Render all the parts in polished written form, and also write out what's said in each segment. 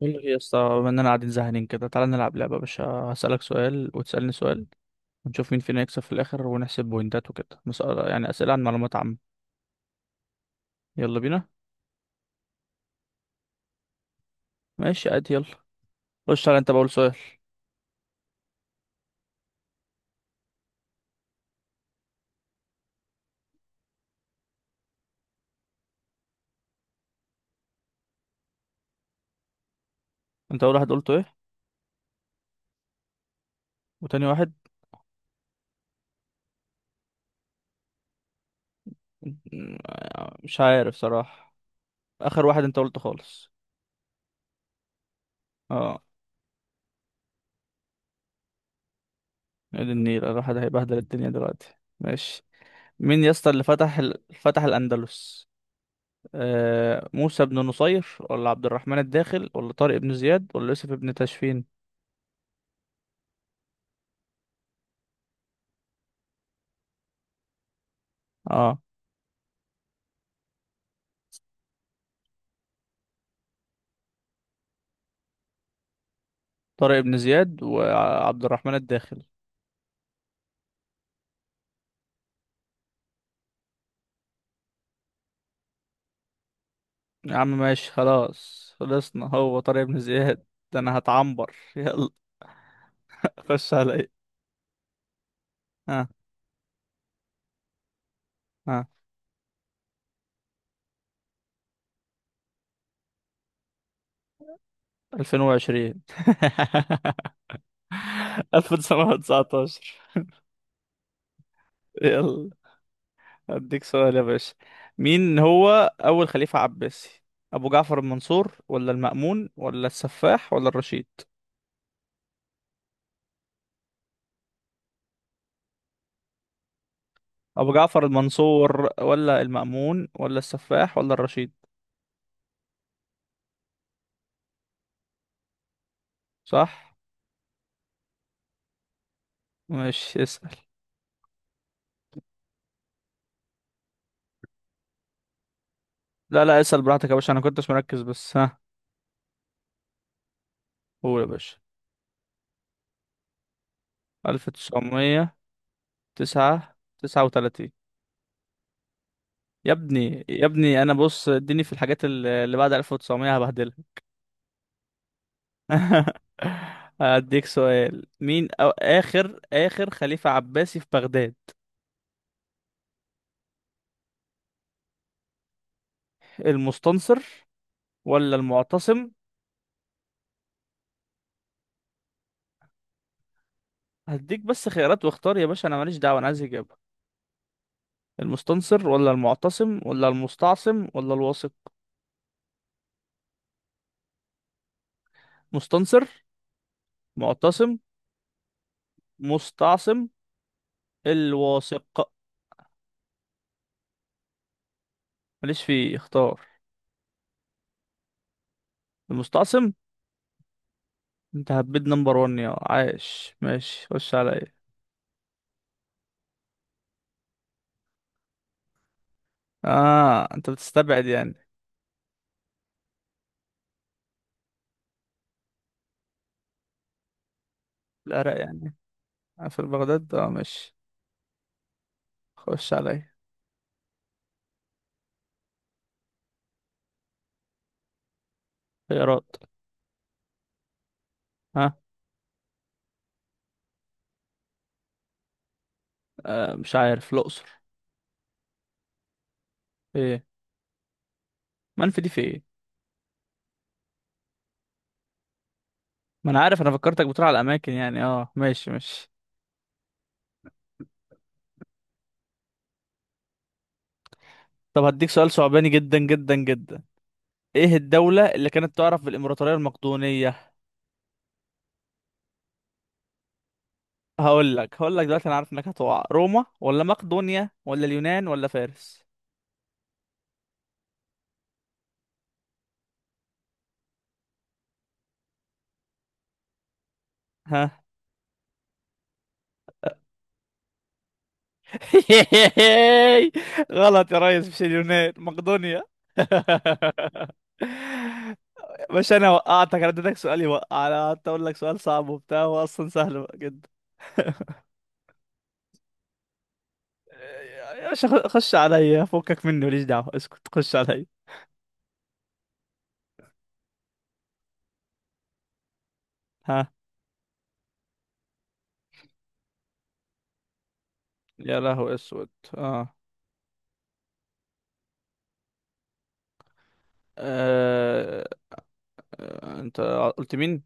بقول لك ايه يا اسطى، بما اننا قاعدين زهقانين كده تعالى نلعب لعبه يا باشا. هسألك سؤال وتسألني سؤال ونشوف مين فينا يكسب في الاخر ونحسب بوينتات وكده، مسألة يعني اسئله عن معلومات عامه. يلا بينا. ماشي عادي يلا. خش تعالى انت بقول سؤال. انت اول واحد قلته ايه؟ وتاني واحد؟ م- مش عارف صراحه. اخر واحد انت قلته خالص؟ اه. يا دي النيل، الواحد هيبهدل الدنيا دلوقتي ماشي. مين يا اسطى اللي فتح فتح الاندلس؟ آه، موسى بن نصير ولا عبد الرحمن الداخل ولا طارق بن زياد ولا يوسف بن تاشفين. اه طارق بن زياد وعبد الرحمن الداخل. يا عم ماشي خلاص، خلصنا، هو طارق بن زياد. ده انا هتعنبر يلا خش عليا. ها. ها. 2020. 1919. يلا. هديك سؤال يا باشا. مين هو اول خليفة عباسي؟ ابو جعفر المنصور ولا المأمون ولا السفاح ولا الرشيد؟ ابو جعفر المنصور ولا المأمون ولا السفاح ولا الرشيد؟ صح. ماشي اسأل. لا لا، اسأل براحتك يا باشا، انا كنتش مركز بس. ها قول يا باشا. 1909. 39. يا ابني يا ابني، انا بص اديني في الحاجات اللي بعد 1900 هبهدلها. هديك سؤال. مين أو اخر اخر خليفة عباسي في بغداد؟ المستنصر ولا المعتصم. هديك بس خيارات واختار يا باشا، انا ماليش دعوة، انا عايز اجابة. المستنصر ولا المعتصم ولا المستعصم ولا الواثق؟ مستنصر. معتصم. مستعصم. الواثق. ماليش فيه، اختار. المستعصم. انت هبيت نمبر ون يا عايش. ماشي خش عليا. اه انت بتستبعد يعني. العراق يعني. آه، في بغداد اه ماشي. خش عليا. خيارات. ها. آه، مش عارف الاقصر. ايه؟ منفي دي في ايه؟ ما انا عارف، انا فكرتك بتقول على الاماكن يعني. اه ماشي ماشي. طب هديك سؤال صعباني جدا جدا جدا. ايه الدولة اللي كانت تعرف بالامبراطورية المقدونية؟ هقول لك دلوقتي، انا عارف انك هتقع. روما ولا مقدونيا ولا اليونان ولا فارس؟ ها. غلط يا ريس، مش اليونان، مقدونيا. مش انا وقعتك، انا اديتك سؤال يوقع، انا قعدت اقول لك سؤال صعب وبتاع هو اصلا سهل جدا. يا باشا خش عليا، فكك مني ماليش دعوه، اسكت خش عليا. ها. يا لهو اسود. اه. آه، انت قلت مين؟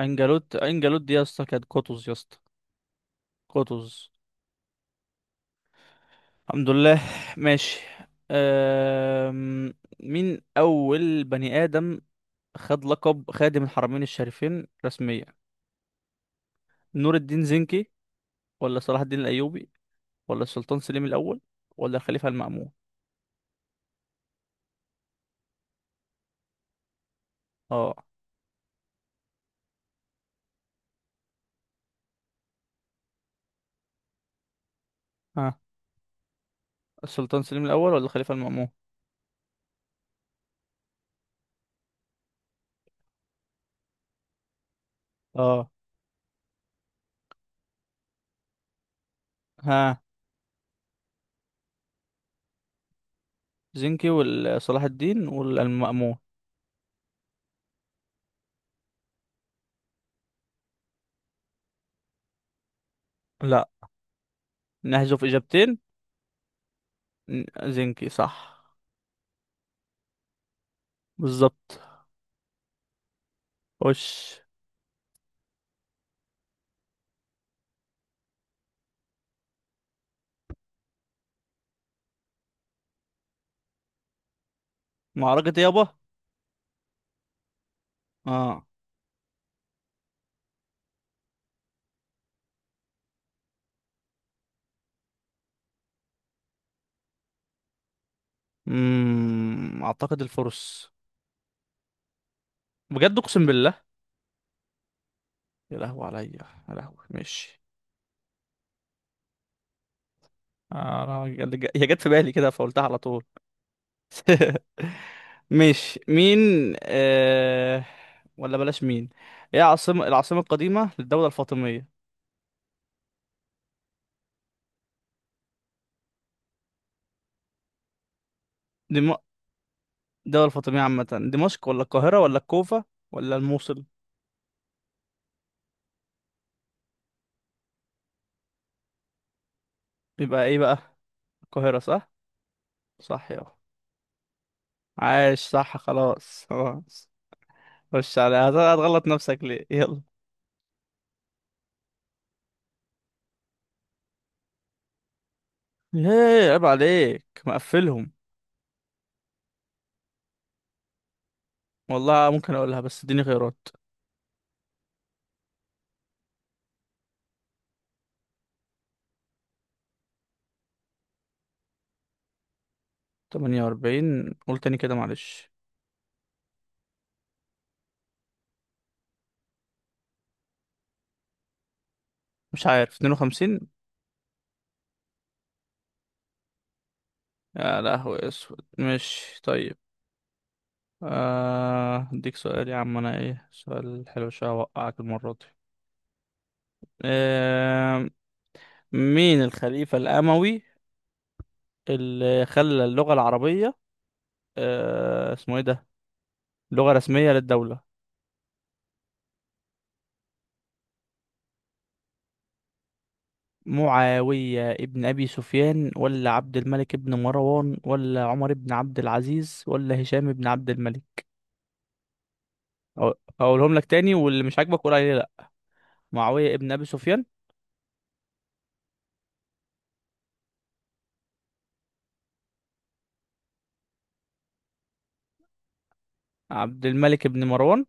انجلوت انجلوت دي يا اسطى كانت قطز يا اسطى. قطز. الحمد لله. ماشي. أم... مين أول بني آدم خد لقب خادم الحرمين الشريفين رسميا؟ نور الدين زنكي ولا صلاح الدين الأيوبي ولا السلطان سليم الأول ولا الخليفة المأمون؟ اه. ها. السلطان سليم الأول ولا الخليفة المأمون. اه. ها. زنكي وصلاح الدين والمأمون. لا، نحذف إجابتين. ن- زنكي صح. بالظبط. وش. معركة يابا. اه. امم، اعتقد الفرس. بجد اقسم بالله. يا لهوي عليا. يا لهوي ماشي. آه، أنا هي جت في بالي كده فقلتها على طول. ماشي مين. آه... ولا بلاش مين. ايه عاصمة العاصمة القديمة للدولة الفاطمية؟ دم... الدولة الفاطمية عامة. دمشق ولا القاهرة ولا الكوفة ولا الموصل؟ يبقى ايه بقى؟ القاهرة صح. صح يا. عاش صح خلاص خلاص. خش على، هتغلط نفسك ليه؟ يلا. ايه عيب عليك مقفلهم. والله ممكن اقولها بس اديني خيارات. 48؟ قول تاني كده معلش. مش عارف، 52. يا لهوي اسود مش طيب. آه، اديك سؤال يا عم انا، ايه سؤال حلو شويه اوقعك المره دي. آه، مين الخليفه الاموي اللي خلى اللغه العربيه، آه، اسمه ايه ده، لغه رسميه للدوله؟ معاويه ابن ابي سفيان ولا عبد الملك ابن مروان ولا عمر ابن عبد العزيز ولا هشام ابن عبد الملك؟ أقول- اقولهم لك تاني، واللي مش عاجبك قول عليه لا. معاوية ابن ابي سفيان. عبد الملك ابن مروان.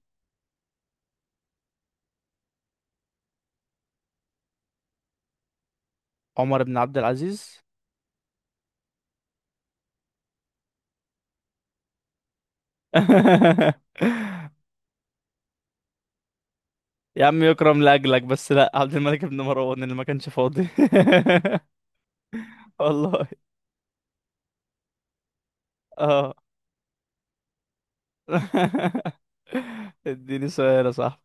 عمر ابن عبد العزيز. يا عم يكرم لاجلك، بس لا، عبد الملك ابن مروان اللي ما كانش فاضي. والله. اه. اديني سؤال يا صاحبي.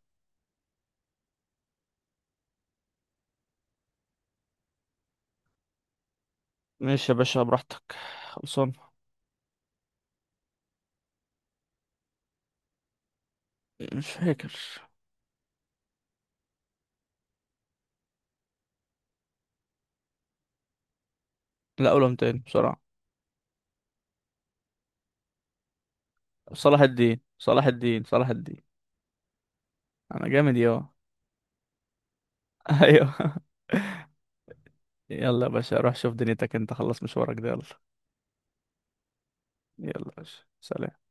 ماشي يا باشا براحتك، خلصان. مش فاكر. لا، قولهم تاني بسرعة. صلاح الدين صلاح الدين صلاح الدين. انا جامد يا. ايوه. يلا يا باشا، روح شوف دنيتك، انت خلص مشوارك ده يلا. يلا يا باشا سلام.